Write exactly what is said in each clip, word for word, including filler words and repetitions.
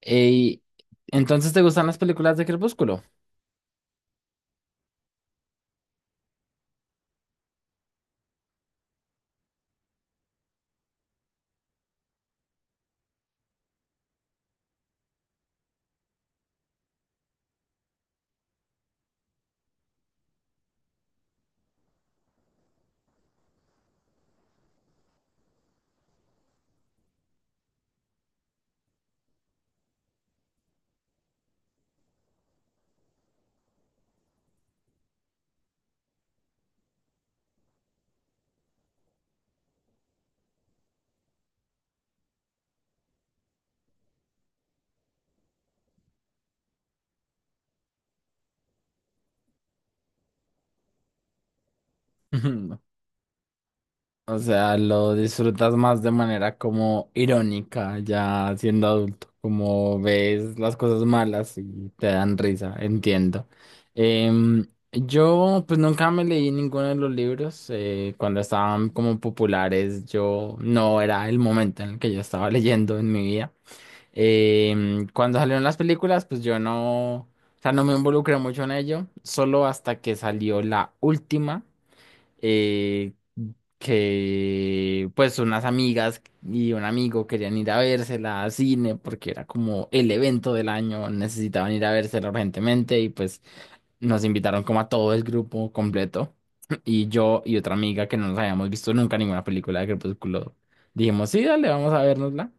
Ey, entonces te gustan las películas de Crepúsculo. O sea, lo disfrutas más de manera como irónica, ya siendo adulto, como ves las cosas malas y te dan risa, entiendo. Em, yo pues nunca me leí ninguno de los libros. Eh, cuando estaban como populares, yo no era el momento en el que yo estaba leyendo en mi vida. Eh, cuando salieron las películas, pues yo no, o sea, no me involucré mucho en ello, solo hasta que salió la última, eh, que pues unas amigas y un amigo querían ir a vérsela a cine porque era como el evento del año, necesitaban ir a vérsela urgentemente y pues nos invitaron como a todo el grupo completo. Y yo y otra amiga que no nos habíamos visto nunca ninguna película de Crepúsculo, dijimos, sí, dale, vamos a vernosla.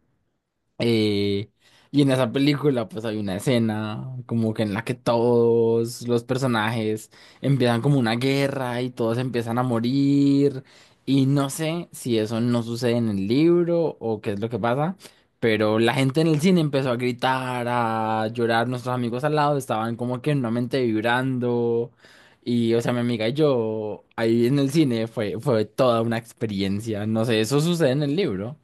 Eh, y en esa película pues hay una escena como que en la que todos los personajes empiezan como una guerra y todos empiezan a morir y no sé si eso no sucede en el libro o qué es lo que pasa, pero la gente en el cine empezó a gritar, a llorar, nuestros amigos al lado estaban como que nuevamente vibrando y o sea mi amiga y yo ahí en el cine fue, fue toda una experiencia, no sé, eso sucede en el libro.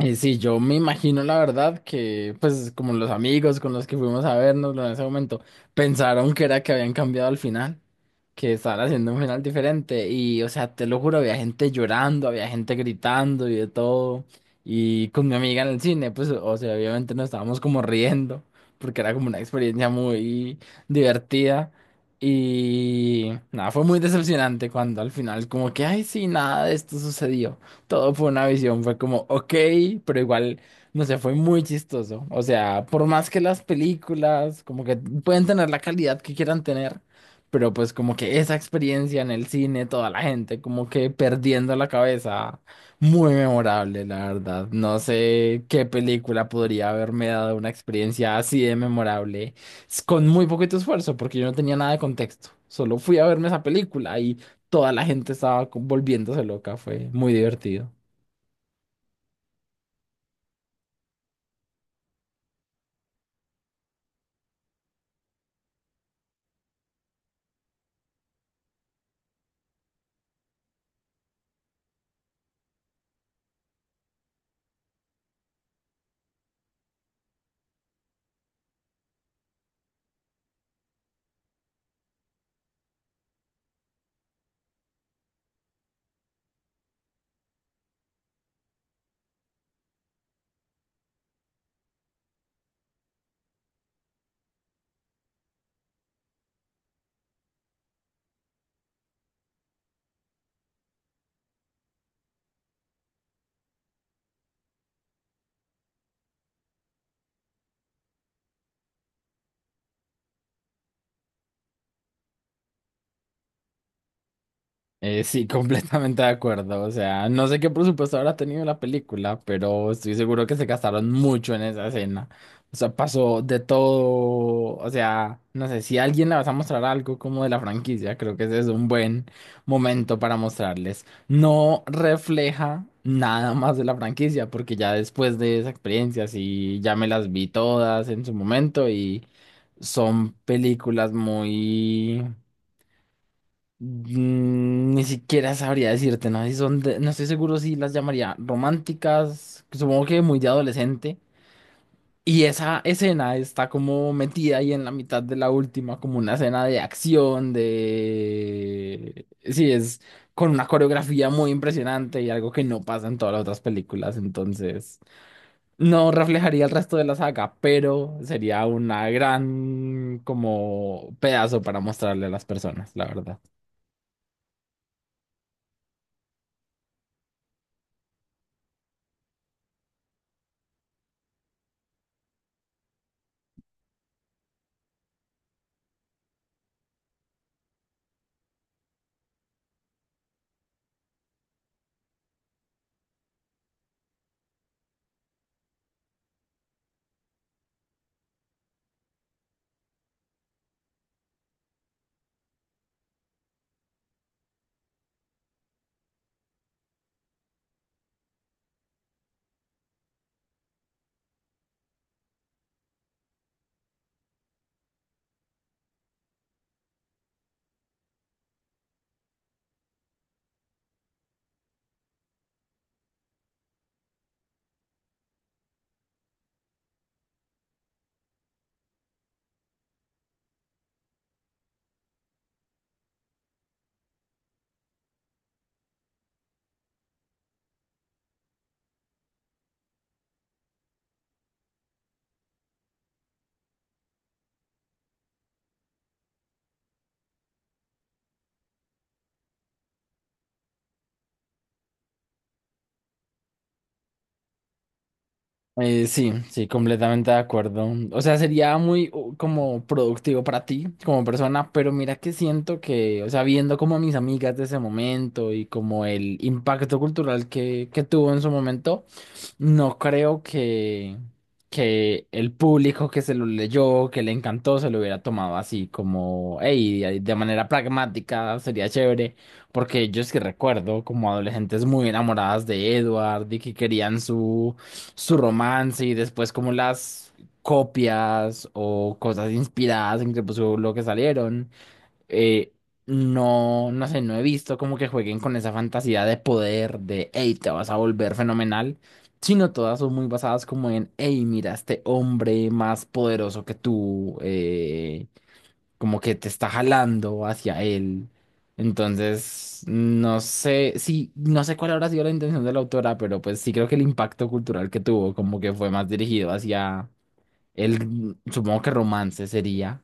Y sí, yo me imagino la verdad que, pues, como los amigos con los que fuimos a vernos en ese momento, pensaron que era que habían cambiado al final, que estaban haciendo un final diferente. Y, o sea, te lo juro, había gente llorando, había gente gritando y de todo. Y con mi amiga en el cine, pues, o sea, obviamente nos estábamos como riendo, porque era como una experiencia muy divertida. Y nada, fue muy decepcionante cuando al final como que, ay, sí, nada de esto sucedió. Todo fue una visión, fue como, ok, pero igual, no sé, fue muy chistoso. O sea, por más que las películas como que pueden tener la calidad que quieran tener, pero pues como que esa experiencia en el cine, toda la gente como que perdiendo la cabeza, muy memorable, la verdad. No sé qué película podría haberme dado una experiencia así de memorable, s- con muy poquito esfuerzo, porque yo no tenía nada de contexto. Solo fui a verme esa película y toda la gente estaba co- volviéndose loca, fue muy divertido. Eh, sí, completamente de acuerdo. O sea, no sé qué presupuesto habrá tenido la película, pero estoy seguro que se gastaron mucho en esa escena. O sea, pasó de todo. O sea, no sé, si a alguien le vas a mostrar algo como de la franquicia, creo que ese es un buen momento para mostrarles. No refleja nada más de la franquicia, porque ya después de esa experiencia, sí, ya me las vi todas en su momento y son películas muy... Mm, Ni siquiera sabría decirte, ¿no? Si son de- no estoy seguro si las llamaría románticas, supongo que muy de adolescente. Y esa escena está como metida ahí en la mitad de la última, como una escena de acción, de... Sí, es con una coreografía muy impresionante y algo que no pasa en todas las otras películas, entonces no reflejaría el resto de la saga, pero sería una gran como pedazo para mostrarle a las personas, la verdad. Eh, sí, sí, completamente de acuerdo. O sea, sería muy uh, como productivo para ti como persona, pero mira que siento que, o sea, viendo como a mis amigas de ese momento y como el impacto cultural que, que tuvo en su momento. No creo que, que el público que se lo leyó, que le encantó, se lo hubiera tomado así como, hey, de manera pragmática, sería chévere, porque yo es que recuerdo como adolescentes muy enamoradas de Edward y que querían su, su romance y después como las copias o cosas inspiradas en Crepúsculo que salieron eh, no, no sé, no he visto como que jueguen con esa fantasía de poder, de, hey, te vas a volver fenomenal, sino todas son muy basadas como en, hey, mira, este hombre más poderoso que tú, eh, como que te está jalando hacia él. Entonces, no sé, sí, no sé cuál habrá sido la intención de la autora, pero pues sí creo que el impacto cultural que tuvo como que fue más dirigido hacia el, supongo que romance sería.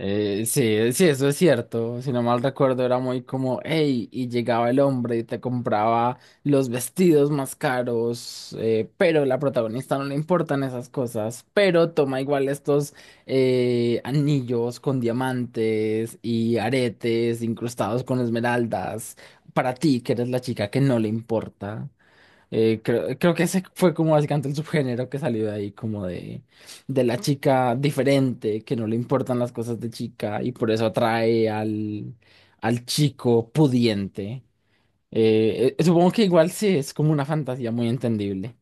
Eh, sí, sí, eso es cierto. Si no mal recuerdo, era muy como, hey, y llegaba el hombre y te compraba los vestidos más caros, eh, pero la protagonista no le importan esas cosas, pero toma igual estos eh, anillos con diamantes y aretes incrustados con esmeraldas para ti, que eres la chica que no le importa. Eh, creo, creo que ese fue como básicamente el subgénero que salió de ahí, como de, de la chica diferente, que no le importan las cosas de chica y por eso atrae al, al chico pudiente. Eh, eh, supongo que igual sí es como una fantasía muy entendible.